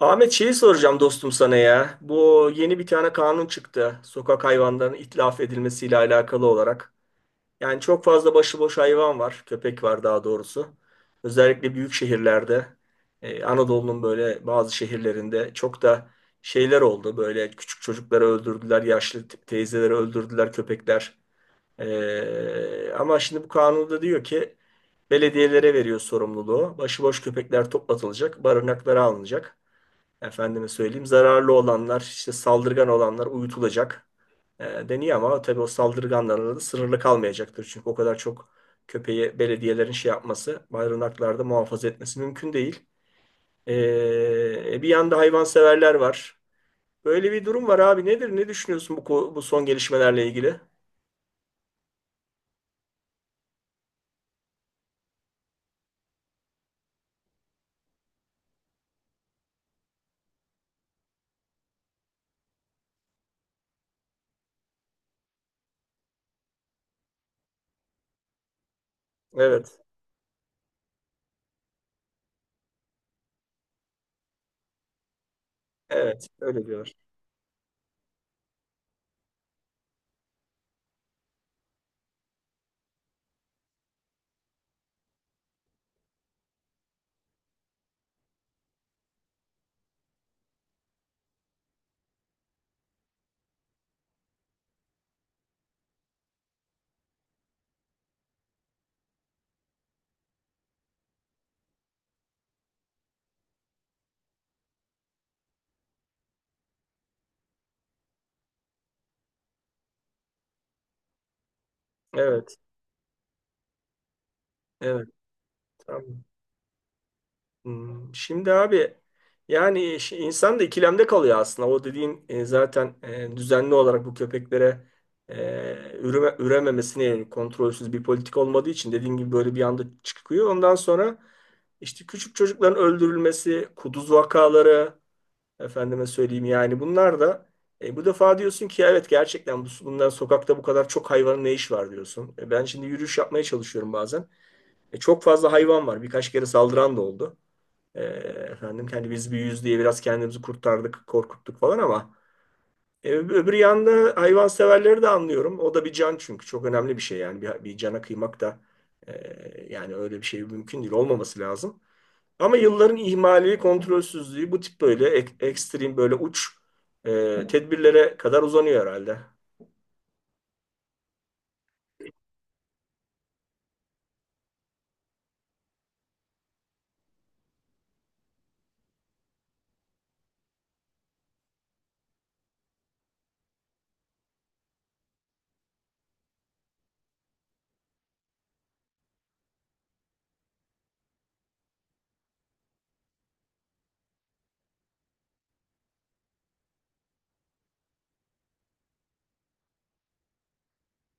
Ahmet şeyi soracağım dostum sana ya. Bu yeni bir tane kanun çıktı, sokak hayvanlarının itlaf edilmesiyle alakalı olarak. Yani çok fazla başıboş hayvan var. Köpek var daha doğrusu, özellikle büyük şehirlerde. Anadolu'nun böyle bazı şehirlerinde çok da şeyler oldu. Böyle küçük çocukları öldürdüler. Yaşlı teyzeleri öldürdüler köpekler. Ama şimdi bu kanunda diyor ki belediyelere veriyor sorumluluğu. Başıboş köpekler toplatılacak, barınaklara alınacak. Efendime söyleyeyim zararlı olanlar işte saldırgan olanlar uyutulacak deniyor ama tabii o saldırganlarla da sınırlı kalmayacaktır. Çünkü o kadar çok köpeği belediyelerin şey yapması, barınaklarda muhafaza etmesi mümkün değil. E, Bir yanda hayvanseverler var. Böyle bir durum var abi, nedir ne düşünüyorsun bu, bu son gelişmelerle ilgili? Evet, evet öyle diyorlar. Evet, evet, tamam. Hmm, şimdi abi yani insan da ikilemde kalıyor aslında. O dediğin zaten düzenli olarak bu köpeklere e, üreme, ürememesine yönelik kontrolsüz bir politik olmadığı için dediğin gibi böyle bir anda çıkıyor. Ondan sonra işte küçük çocukların öldürülmesi, kuduz vakaları, efendime söyleyeyim yani bunlar da bu defa diyorsun ki evet, gerçekten bu, bundan sokakta bu kadar çok hayvanın ne işi var diyorsun. E, ben şimdi yürüyüş yapmaya çalışıyorum bazen. E, çok fazla hayvan var. Birkaç kere saldıran da oldu. E, Efendim kendi biz büyüyüz diye biraz kendimizi kurtardık, korkuttuk falan ama öbür yanda hayvanseverleri de anlıyorum. O da bir can çünkü çok önemli bir şey yani bir cana kıymak da yani öyle bir şey mümkün değil, olmaması lazım. Ama yılların ihmali, kontrolsüzlüğü bu tip böyle ekstrem böyle uç tedbirlere kadar uzanıyor herhalde.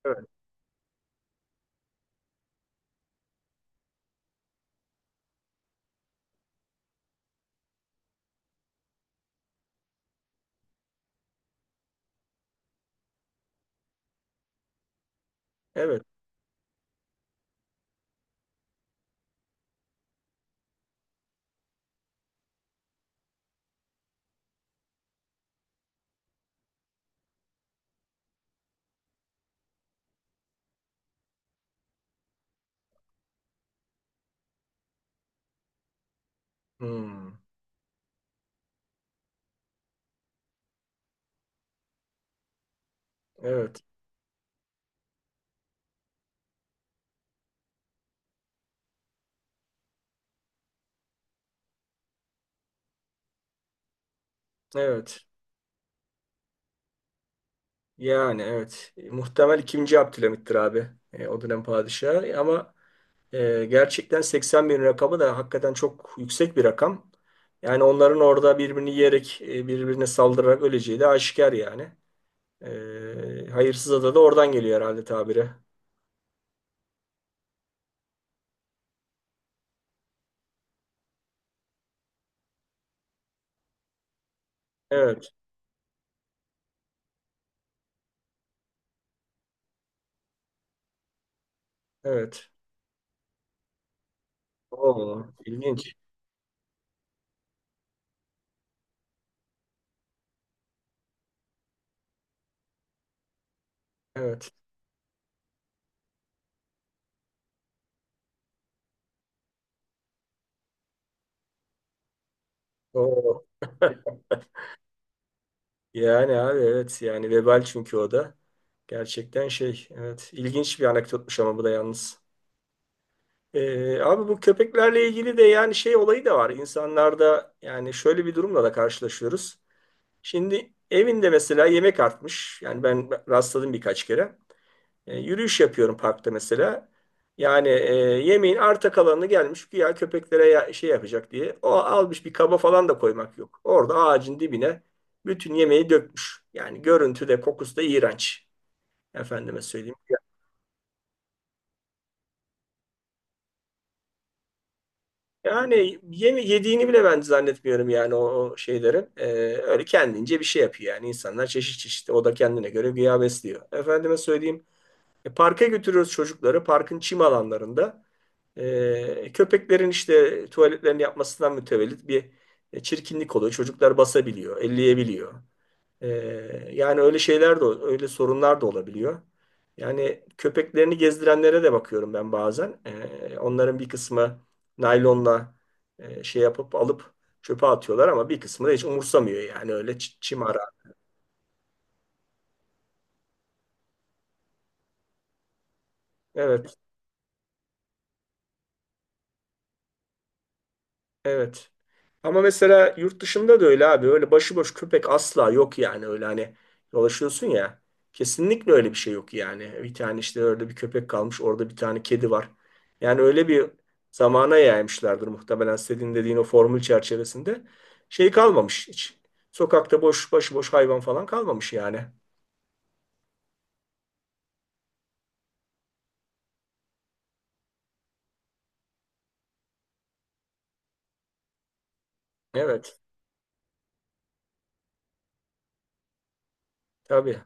Evet. Evet. Hmm. Evet. Evet. Yani evet. E, muhtemel ikinci Abdülhamit'tir abi. E, o dönem padişahı. Ama gerçekten 80 bin rakamı da hakikaten çok yüksek bir rakam. Yani onların orada birbirini yiyerek, birbirine saldırarak öleceği de aşikar yani. Hayırsız ada da oradan geliyor herhalde tabire. Evet, evet. Oo, ilginç. Evet. Oo. Yani abi evet, yani vebal çünkü o da. Gerçekten şey, evet, ilginç bir anekdotmuş ama bu da yalnız. Abi bu köpeklerle ilgili de yani şey olayı da var. İnsanlarda yani şöyle bir durumla da karşılaşıyoruz. Şimdi evinde mesela yemek artmış. Yani ben rastladım birkaç kere. E, yürüyüş yapıyorum parkta mesela. Yani yemeğin arta kalanını gelmiş güya köpeklere şey yapacak diye. O almış bir kaba falan da koymak yok. Orada ağacın dibine bütün yemeği dökmüş. Yani görüntü de kokusu da iğrenç. Efendime söyleyeyim. Yani yeme yediğini bile ben zannetmiyorum yani o şeylerin. E, öyle kendince bir şey yapıyor yani. İnsanlar çeşit çeşit. O da kendine göre güya besliyor. Efendime söyleyeyim. E, parka götürüyoruz çocukları. Parkın çim alanlarında. E, köpeklerin işte tuvaletlerini yapmasından mütevellit bir çirkinlik oluyor. Çocuklar basabiliyor, elleyebiliyor. E, Yani öyle şeyler de, öyle sorunlar da olabiliyor. Yani köpeklerini gezdirenlere de bakıyorum ben bazen. E, onların bir kısmı naylonla şey yapıp alıp çöpe atıyorlar ama bir kısmı da hiç umursamıyor yani öyle çim ara. Evet, evet. Ama mesela yurt dışında da öyle abi. Öyle başıboş köpek asla yok yani. Öyle hani dolaşıyorsun ya. Kesinlikle öyle bir şey yok yani. Bir tane işte orada bir köpek kalmış. Orada bir tane kedi var. Yani öyle bir zamana yaymışlardır muhtemelen senin dediğin o formül çerçevesinde. Şey kalmamış hiç. Sokakta boş başıboş hayvan falan kalmamış yani. Evet. Tabii.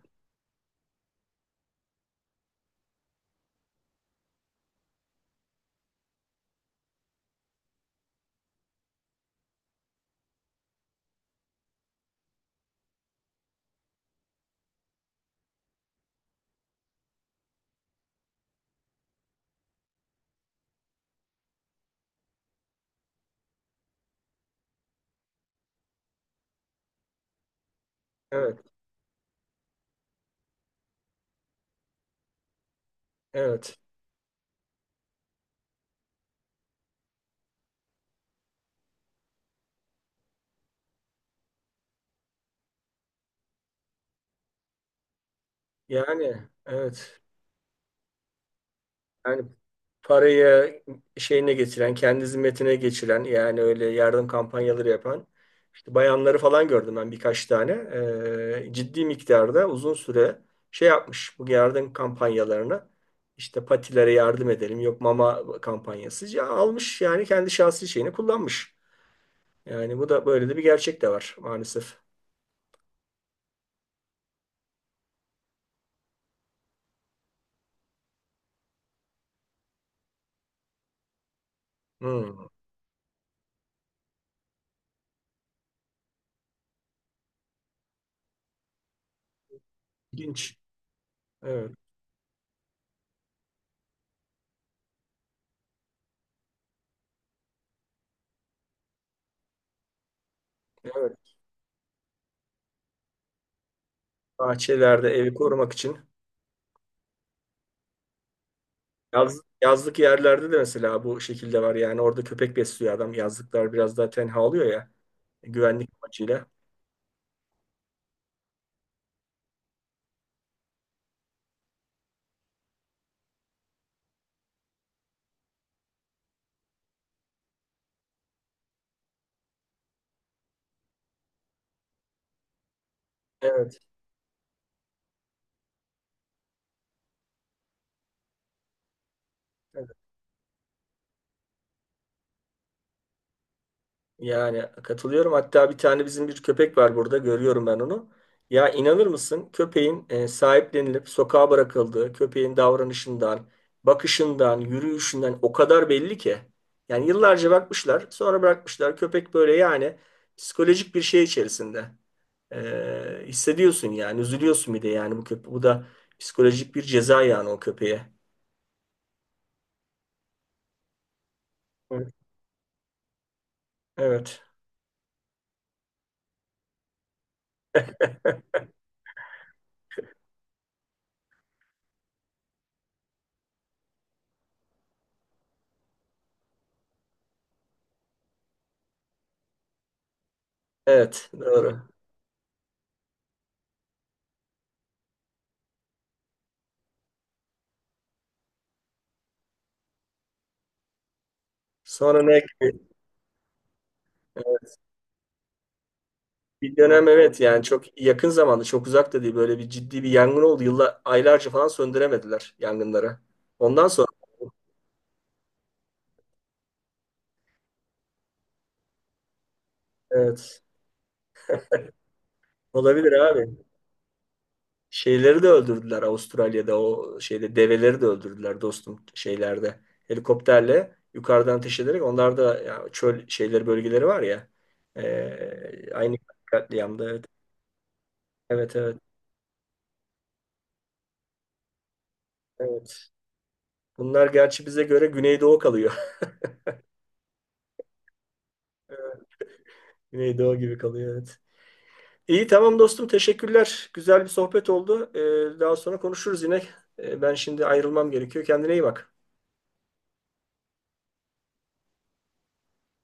Evet. Evet. Yani evet. Yani parayı şeyine getiren, kendi zimmetine geçiren yani öyle yardım kampanyaları yapan işte bayanları falan gördüm ben birkaç tane. Ciddi miktarda uzun süre şey yapmış bu yardım kampanyalarını işte patilere yardım edelim yok mama kampanyası, ya almış yani kendi şahsi şeyini kullanmış. Yani bu da böyle de bir gerçek de var maalesef. Hmm. İlginç. Evet, evet. Bahçelerde evi korumak için. Yazlık yerlerde de mesela bu şekilde var yani orada köpek besliyor adam. Yazlıklar biraz daha tenha oluyor ya, güvenlik amacıyla. Evet, evet. Yani katılıyorum. Hatta bir tane bizim bir köpek var burada. Görüyorum ben onu. Ya inanır mısın? Köpeğin sahiplenilip sokağa bırakıldığı, köpeğin davranışından, bakışından, yürüyüşünden o kadar belli ki. Yani yıllarca bakmışlar, sonra bırakmışlar. Köpek böyle yani psikolojik bir şey içerisinde. Hissediyorsun yani, üzülüyorsun bir de yani bu köpe bu da psikolojik bir ceza yani o köpeğe. Evet. Evet, evet, doğru. Sonra ne gibi? Bir dönem evet yani çok yakın zamanda, çok uzak da değil, böyle bir ciddi bir yangın oldu. Yıllar, aylarca falan söndüremediler yangınları. Ondan sonra evet, olabilir abi. Şeyleri de öldürdüler Avustralya'da o şeyde, develeri de öldürdüler dostum şeylerde. Helikopterle yukarıdan ateş ederek, onlar da ya çöl şeyleri bölgeleri var ya aynı katliamda evet. Evet, evet, evet. Bunlar gerçi bize göre Güneydoğu kalıyor. Güneydoğu gibi kalıyor evet. İyi, tamam dostum, teşekkürler. Güzel bir sohbet oldu. E, daha sonra konuşuruz yine. E, ben şimdi ayrılmam gerekiyor. Kendine iyi bak.